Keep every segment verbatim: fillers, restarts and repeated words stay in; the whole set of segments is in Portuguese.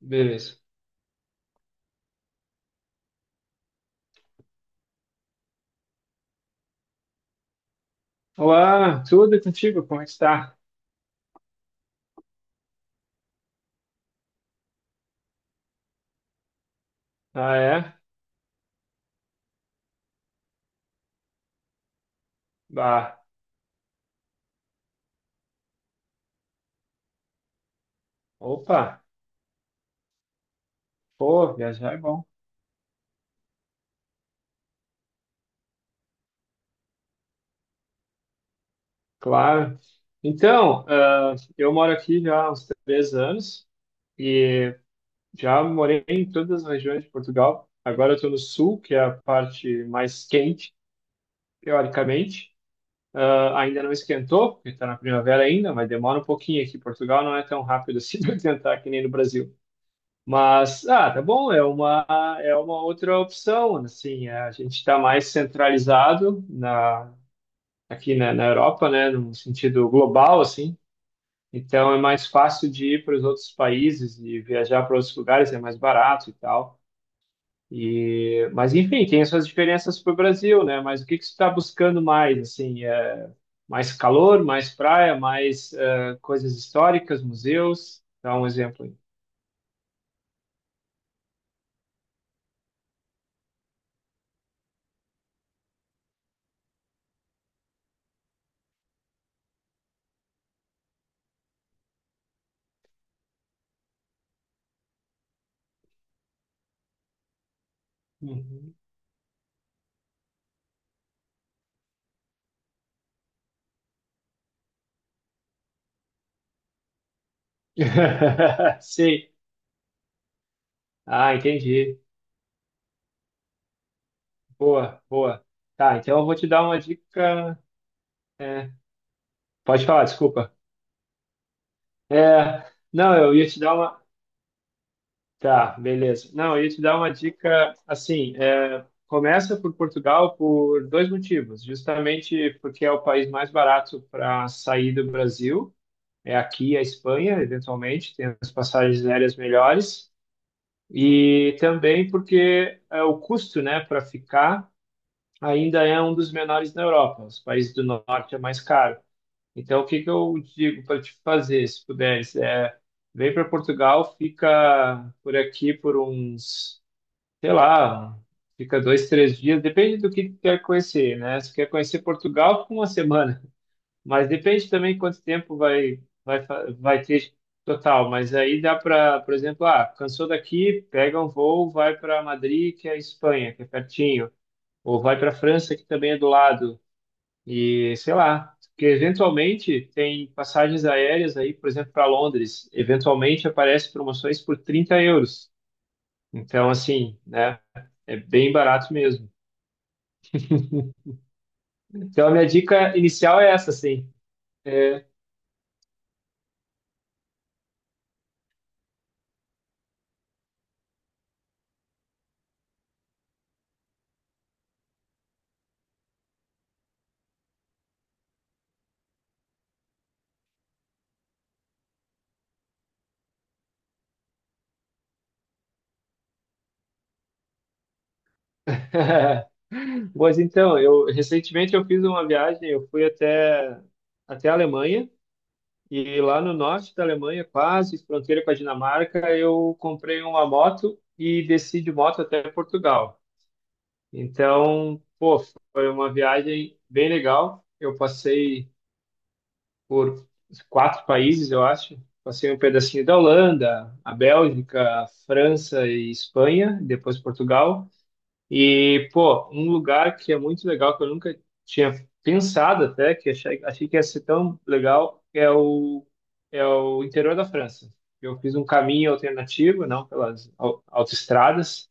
Beleza. Olá, tudo e contigo? Como é está? Ah, é? Bah. Opa, pô, viajar é bom. Claro. Então, ah, eu moro aqui já há uns três anos e já morei em todas as regiões de Portugal. Agora eu estou no sul, que é a parte mais quente, teoricamente. Ah, ainda não esquentou, porque está na primavera ainda, mas demora um pouquinho aqui. Portugal não é tão rápido assim para esquentar que nem no Brasil. Mas, ah, tá bom, é uma, é uma outra opção, assim, é, a gente está mais centralizado na, aqui na, na Europa, né, num sentido global, assim, então é mais fácil de ir para os outros países e viajar para outros lugares, é mais barato e tal, e, mas enfim, tem suas diferenças para o Brasil, né, mas o que que você está buscando mais, assim, é mais calor, mais praia, mais eh, coisas históricas, museus, dá um exemplo aí. Uhum. Sim. Ah, entendi. Boa, boa. Tá, então eu vou te dar uma dica. é, Pode falar, desculpa. É, não, eu ia te dar uma. Tá, beleza. Não, eu ia te dar uma dica assim. É, começa por Portugal por dois motivos. Justamente porque é o país mais barato para sair do Brasil. É aqui a Espanha, eventualmente, tem as passagens aéreas melhores. E também porque é, o custo, né, para ficar ainda é um dos menores na Europa. Os países do norte é mais caro. Então, o que que eu digo para te fazer, se puderes, é vem para Portugal, fica por aqui por uns, sei lá, fica dois, três dias, depende do que tu quer conhecer, né? Se quer conhecer Portugal, fica uma semana, mas depende também quanto tempo vai vai fa- vai ter total. Mas aí dá para, por exemplo, ah, cansou daqui, pega um voo, vai para Madrid, que é a Espanha, que é pertinho. Ou vai para a França, que também é do lado. E sei lá, porque eventualmente tem passagens aéreas aí, por exemplo, para Londres, eventualmente aparece promoções por trinta euros. Então, assim, né? É bem barato mesmo. Então, a minha dica inicial é essa, sim. Pois então, eu recentemente eu fiz uma viagem, eu fui até até a Alemanha e lá no norte da Alemanha, quase fronteira com a Dinamarca, eu comprei uma moto e desci de moto até Portugal. Então, pô, foi uma viagem bem legal. Eu passei por quatro países, eu acho. Passei um pedacinho da Holanda, a Bélgica, a França e Espanha, depois Portugal. E, pô, um lugar que é muito legal, que eu nunca tinha pensado até, que achei, achei que ia ser tão legal, é o, é o interior da França. Eu fiz um caminho alternativo, não pelas au- autoestradas,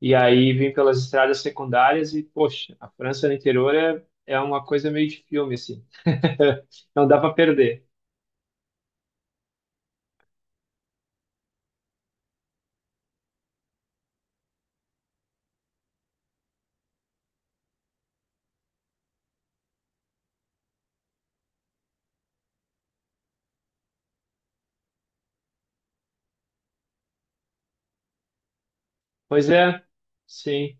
e aí vim pelas estradas secundárias e, poxa, a França no interior é, é uma coisa meio de filme, assim. Não dá para perder. Pois é, sim.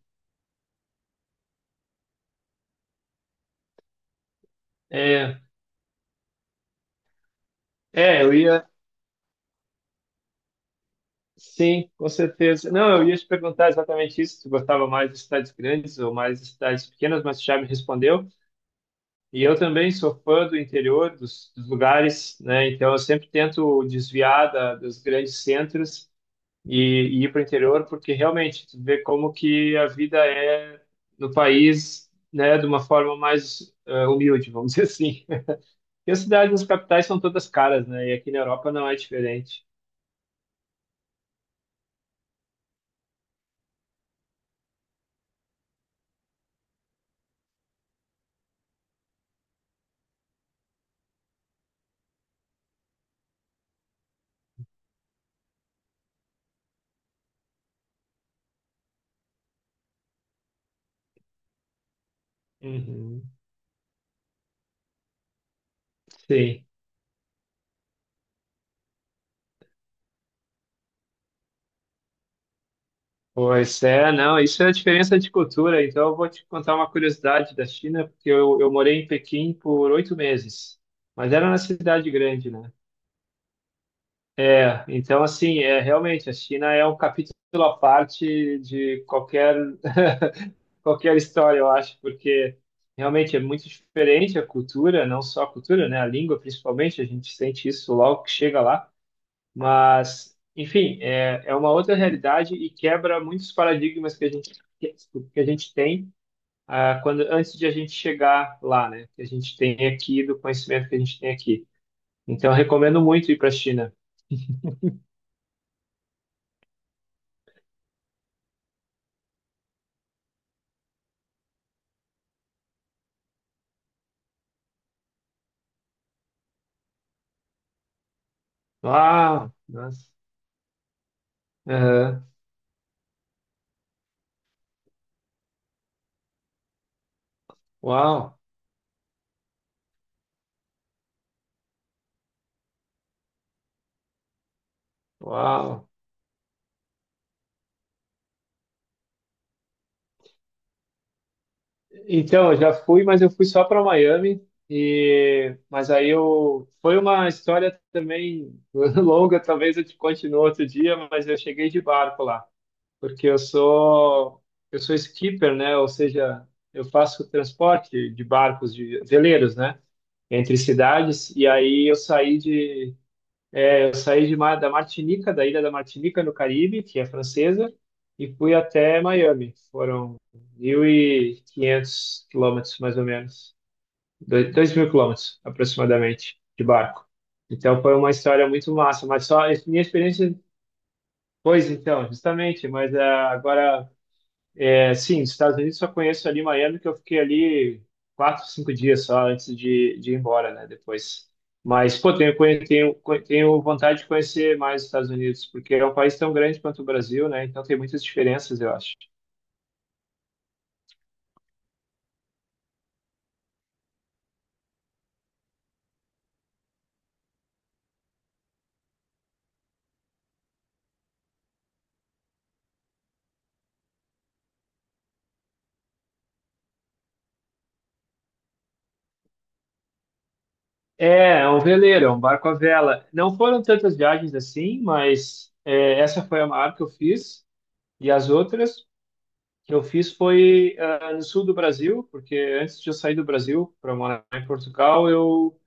É, é, eu ia. Sim, com certeza. Não, eu ia te perguntar exatamente isso, se gostava mais de cidades grandes ou mais de cidades pequenas, mas tu já me respondeu. E eu também sou fã do interior, dos, dos lugares, né? Então eu sempre tento desviar da, dos grandes centros e, e ir para o interior, porque realmente tu vê como que a vida é no país, né, de uma forma mais eh, humilde, vamos dizer assim. E as cidades nas capitais são todas caras, né? E aqui na Europa não é diferente. Uhum. Sim. Pois é, não, isso é a diferença de cultura. Então, eu vou te contar uma curiosidade da China, porque eu, eu morei em Pequim por oito meses, mas era na cidade grande, né? é Então, assim, é realmente a China é um capítulo à parte de qualquer qualquer história, eu acho, porque realmente é muito diferente a cultura, não só a cultura, né? A língua, principalmente, a gente sente isso logo que chega lá. Mas, enfim, é, é uma outra realidade e quebra muitos paradigmas que a gente, que a gente tem ah, quando, antes de a gente chegar lá, né? Que a gente tem aqui, do conhecimento que a gente tem aqui. Então, eu recomendo muito ir para a China. Uau! Nossa. Aham. Uau! Uau! Então, eu já fui, mas eu fui só para Miami. E mas aí eu foi uma história também longa, talvez eu te conte no outro dia, mas eu cheguei de barco lá, porque eu sou eu sou skipper, né? Ou seja, eu faço transporte de barcos de veleiros, né? Entre cidades. E aí eu saí de eu saí de, Mar- da Martinica, da ilha da Martinica, no Caribe, que é francesa, e fui até Miami. Foram mil e quinhentos quilômetros, mais ou menos. Doi- mil quilômetros, aproximadamente, de barco. Então foi uma história muito massa, mas só minha experiência, pois então, justamente, mas ah, agora é, sim, os Estados Unidos só conheço ali Miami, que eu fiquei ali quatro, cinco dias só antes de, de ir embora, né? Depois. Mas, pô, tenho, conhe- tenho, conhe- tenho vontade de conhecer mais os Estados Unidos, porque é um país tão grande quanto o Brasil, né? Então tem muitas diferenças, eu acho. É, é um veleiro, é um barco à vela. Não foram tantas viagens assim, mas é, essa foi a maior que eu fiz. E as outras que eu fiz foi ah, no sul do Brasil, porque antes de eu sair do Brasil para morar em Portugal, eu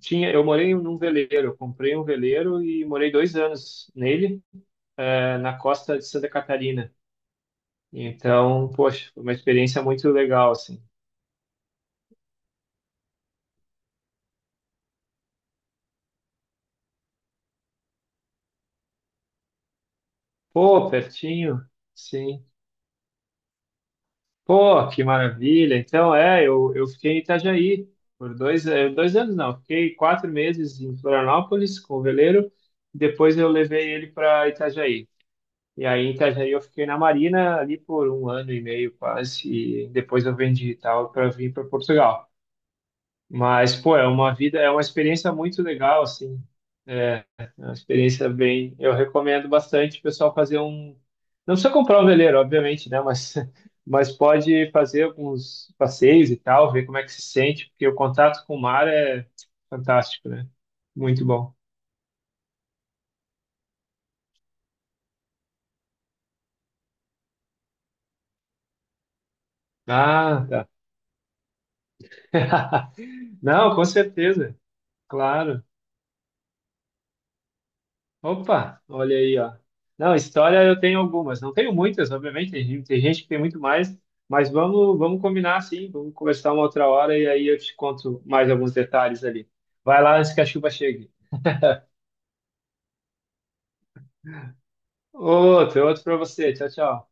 Tinha, eu morei num veleiro, eu comprei um veleiro e morei dois anos nele, eh, na costa de Santa Catarina. Então, poxa, foi uma experiência muito legal, assim. Pô, pertinho, sim. Pô, que maravilha. Então, é, eu, eu fiquei em Itajaí por dois, eh, dois anos, não, fiquei quatro meses em Florianópolis com o veleiro, depois eu levei ele para Itajaí. E aí, em Itajaí, eu fiquei na Marina ali por um ano e meio quase, e depois eu vendi e tal para vir para Portugal. Mas, pô, é uma vida, é uma experiência muito legal, assim. É, é uma experiência bem. Eu recomendo bastante o pessoal fazer um. Não precisa comprar um veleiro, obviamente, né? Mas, mas pode fazer alguns passeios e tal, ver como é que se sente, porque o contato com o mar é fantástico, né? Muito bom. Ah, tá. Não, com certeza. Claro. Opa, olha aí, ó. Não, história eu tenho algumas, não tenho muitas, obviamente, tem, gente- tem gente que tem muito mais, mas vamos, vamos combinar assim, vamos conversar uma outra hora e aí eu te conto mais alguns detalhes ali. Vai lá antes que a chuva chegue. Outro, outro para você. Tchau, tchau.